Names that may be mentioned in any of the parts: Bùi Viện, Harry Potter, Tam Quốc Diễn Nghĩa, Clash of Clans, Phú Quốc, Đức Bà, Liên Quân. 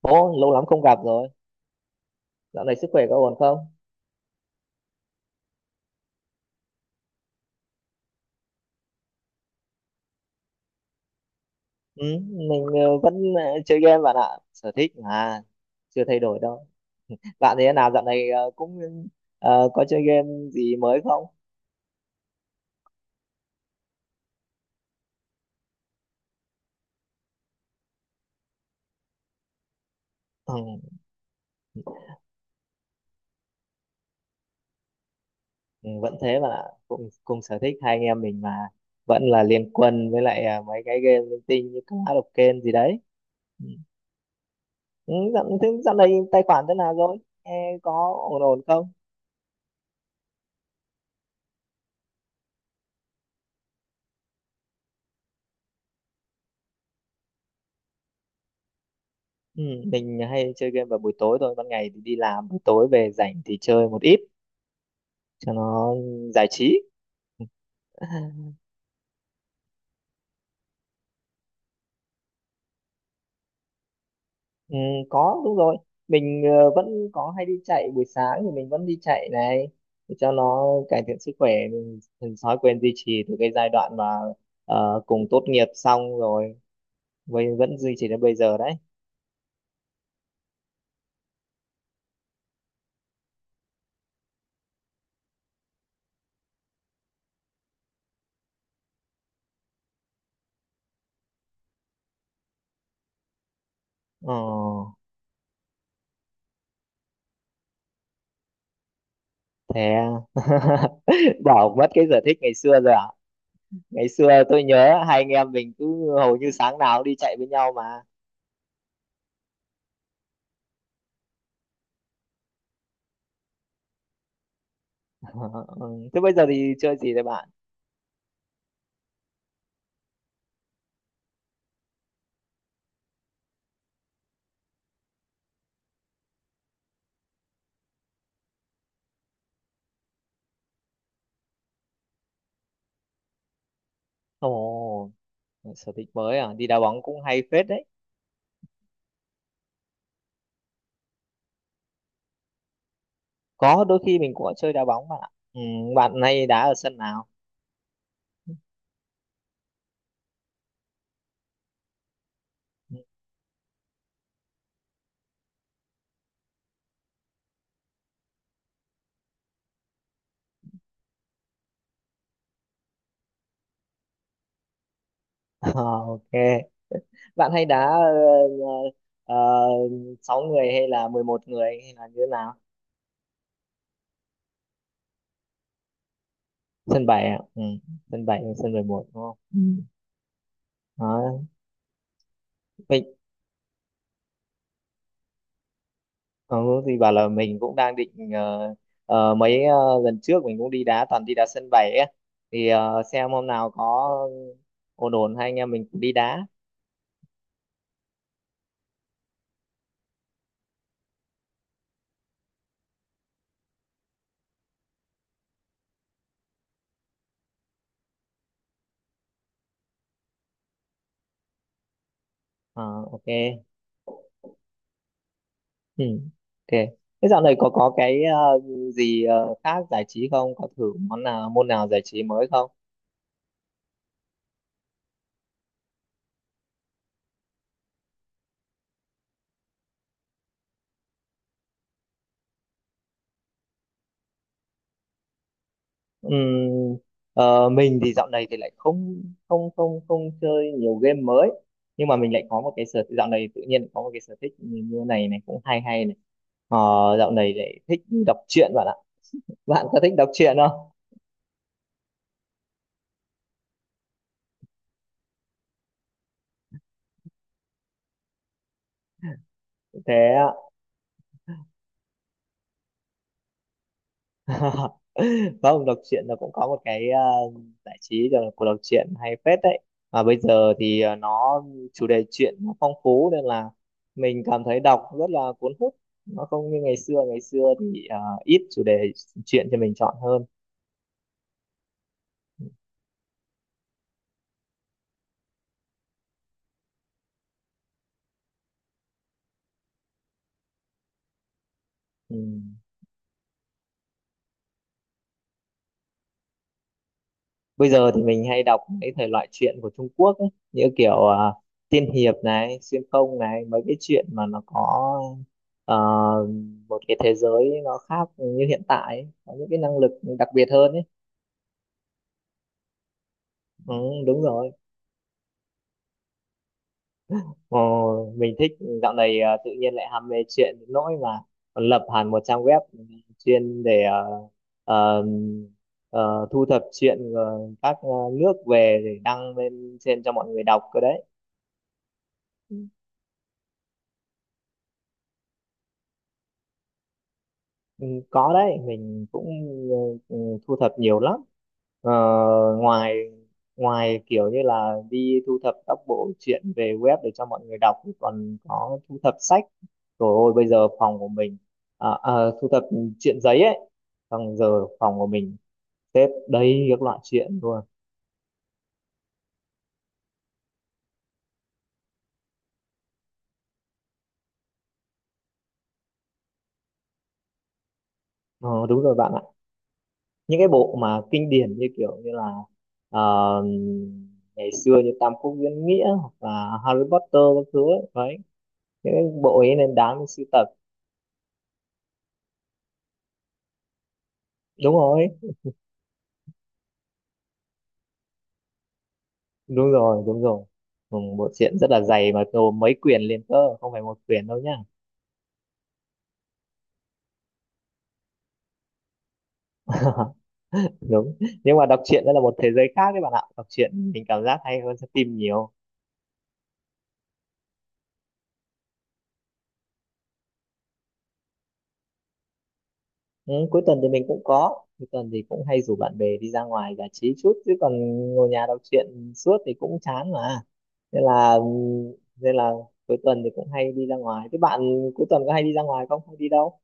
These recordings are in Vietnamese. Ồ, lâu lắm không gặp rồi. Dạo này sức khỏe có ổn không? Ừ, mình vẫn chơi game bạn ạ. Sở thích mà, chưa thay đổi đâu. Bạn thế nào dạo này cũng có chơi game gì mới không? Ừ, ừ, vẫn thế bạn ạ. Cùng sở thích hai anh em mình mà. Vẫn là Liên Quân với lại mấy cái game linh tinh như Clash of Clans gì đấy. Ừ, ừ, thế dạo này tài khoản thế nào rồi? Ê, có ổn ổn không? Ừ, mình hay chơi game vào buổi tối thôi. Ban ngày thì đi làm, buổi tối về rảnh thì chơi một ít cho nó giải trí. Ừ, có đúng rồi. Mình vẫn có hay đi chạy, buổi sáng thì mình vẫn đi chạy này để cho nó cải thiện sức khỏe. Mình thói quen duy trì từ cái giai đoạn mà cùng tốt nghiệp xong rồi, với vẫn duy trì đến bây giờ đấy. ờ, Thế à? Bỏ mất cái sở thích ngày xưa rồi à? Ngày xưa tôi nhớ hai anh em mình cứ hầu như sáng nào cũng đi chạy với nhau mà. Ừ, thế bây giờ thì chơi gì đấy bạn? Ồ, sở thích mới à? Đi đá bóng cũng hay phết đấy. Có đôi khi mình cũng có chơi đá bóng bạn ạ. Ừ, bạn hay đá ở sân nào? Ờ, ok, bạn hay đá ờ, ờ, sáu người hay là 11 người hay là như thế nào? Sân bảy à? Ừ, sân bảy hay sân 11, đúng không? Ừ. Đó. Mình ờ, thì bảo là mình cũng đang định, mấy lần trước mình cũng đi đá toàn đi đá sân bảy ấy, thì xem hôm nào có ổn ổn hai anh em mình cũng đi đá. Ờ, ok. Ừ, ok. Thế dạo này có cái gì khác giải trí không? Có thử món nào môn nào giải trí mới không? Ừm, ờ, mình thì dạo này thì lại không không không không chơi nhiều game mới, nhưng mà mình lại có một cái dạo này tự nhiên có một cái sở thích như như này này cũng hay hay này. Ờ, Dạo này lại thích đọc truyện bạn ạ. Bạn có thích đọc truyện không? Thế vâng, đọc truyện nó cũng có một cái giải trí gọi là của đọc truyện hay phết đấy. Mà bây giờ thì nó chủ đề truyện nó phong phú nên là mình cảm thấy đọc rất là cuốn hút. Nó không như ngày xưa, ngày xưa thì ít chủ đề truyện cho mình chọn hơn. Ừ. Bây giờ thì mình hay đọc mấy thể loại truyện của Trung Quốc ấy, như kiểu à, tiên hiệp này, xuyên không này, mấy cái chuyện mà nó có ờ, một cái thế giới nó khác như hiện tại ấy, có những cái năng lực đặc biệt hơn ấy. Ừ, đúng rồi. Ờ, mình thích, dạo này tự nhiên lại ham mê chuyện đến nỗi mà còn lập hẳn một trang web chuyên để ờ, thu thập chuyện các nước về để đăng lên trên cho mọi người đọc cơ đấy. Ừ. Ừ, có đấy, mình cũng ừ, ừ, thu thập nhiều lắm. ờ, Ngoài ngoài kiểu như là đi thu thập các bộ truyện về web để cho mọi người đọc thì còn có thu thập sách. Rồi ôi bây giờ phòng của mình, à, à, thu thập truyện giấy ấy, xong giờ phòng của mình xếp đầy các loại truyện luôn. Ờ, Đúng rồi bạn ạ, những cái bộ mà kinh điển như kiểu như là ờ, ngày xưa như Tam Quốc Diễn Nghĩa hoặc là Harry Potter các thứ ấy. Đấy, cái bộ ấy nên đáng để sưu tập. Đúng rồi, đúng rồi, đúng rồi. Ừ, bộ truyện rất là dày mà gồm mấy quyển liền cơ không phải một quyển đâu nhá. Đúng, nhưng mà đọc truyện đó là một thế giới khác đấy bạn ạ, đọc truyện mình cảm giác hay hơn xem phim nhiều. Ừ, cuối tuần thì mình cũng có cuối tuần thì cũng hay rủ bạn bè đi ra ngoài giải trí chút, chứ còn ngồi nhà đọc truyện suốt thì cũng chán mà, nên là nên là cuối tuần thì cũng hay đi ra ngoài. Thế bạn cuối tuần có hay đi ra ngoài không, không đi đâu?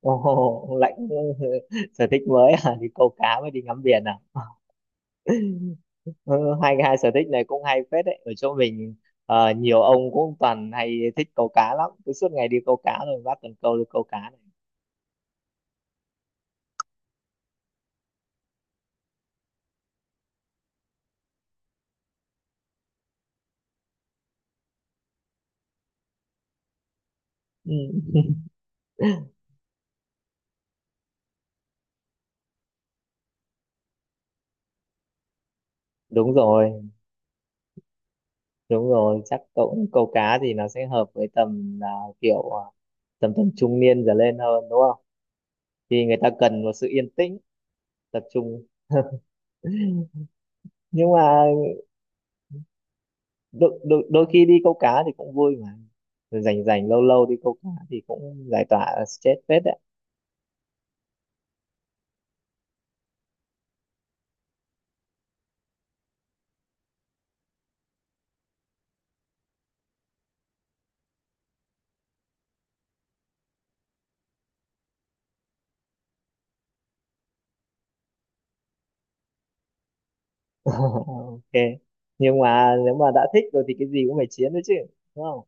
Ồ, Lãnh sở thích mới à? Đi câu cá với đi ngắm biển à? Ừ, hai hai sở thích này cũng hay phết đấy. Ở chỗ mình nhiều ông cũng toàn hay thích câu cá lắm. Cứ suốt ngày đi câu cá rồi bắt cần câu đi câu cá này. Ừ. Đúng rồi, đúng rồi. Chắc cậu câu cá thì nó sẽ hợp với tầm là, kiểu à, tầm tầm trung niên trở lên hơn, đúng không? Thì người ta cần một sự yên tĩnh, tập trung. Nhưng mà đôi khi đi câu cá thì cũng vui mà. Rồi rảnh rảnh lâu lâu đi câu cá thì cũng giải tỏa stress phết đấy. Ok, nhưng mà nếu mà đã thích rồi thì cái gì cũng phải chiến đấy chứ, đúng không?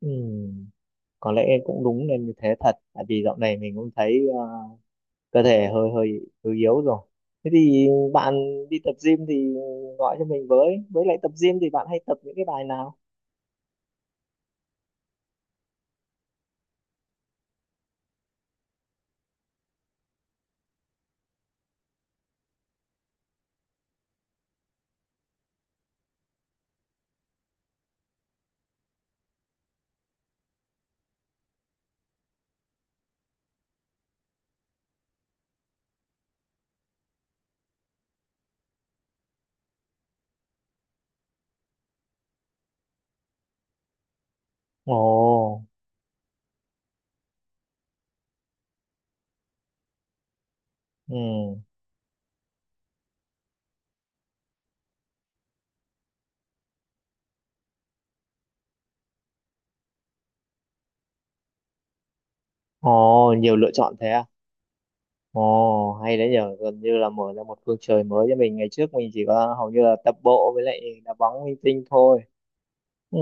Ừ, có lẽ em cũng đúng nên như thế thật, tại vì dạo này mình cũng thấy cơ thể hơi hơi hơi yếu rồi. Thế thì bạn đi tập gym thì gọi cho mình với lại tập gym thì bạn hay tập những cái bài nào? Ồ. Ừ. Ồ, nhiều lựa chọn thế à? Ồ, hay đấy nhờ, gần như là mở ra một phương trời mới cho mình. Ngày trước mình chỉ có hầu như là tập bộ với lại đá bóng linh tinh thôi. Ừ,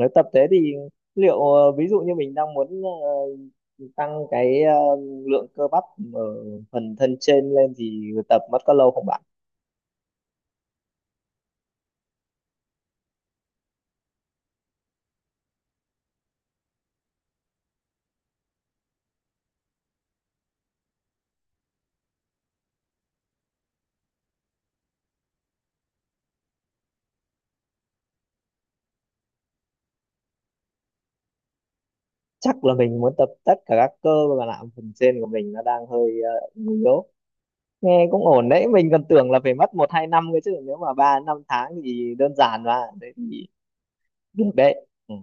nếu tập thế thì liệu ví dụ như mình đang muốn tăng cái lượng cơ bắp ở phần thân trên lên thì tập mất có lâu không bạn? Chắc là mình muốn tập tất cả các cơ, mà làm phần trên của mình nó đang hơi yếu. Nghe cũng ổn đấy, mình còn tưởng là phải mất một hai năm cơ chứ, nếu mà ba năm tháng thì đơn giản mà. Đấy thì được đấy. Ừ.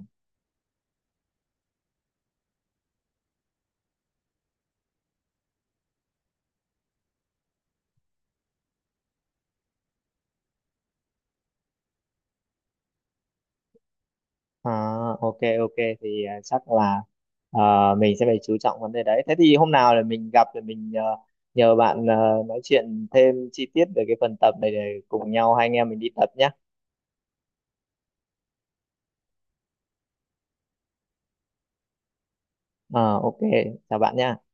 À, ok ok, thì chắc là à, mình sẽ phải chú trọng vấn đề đấy. Thế thì hôm nào là mình gặp thì mình nhờ bạn nói chuyện thêm chi tiết về cái phần tập này để cùng nhau hai anh em mình đi tập nhé. À, ok, chào bạn nhé.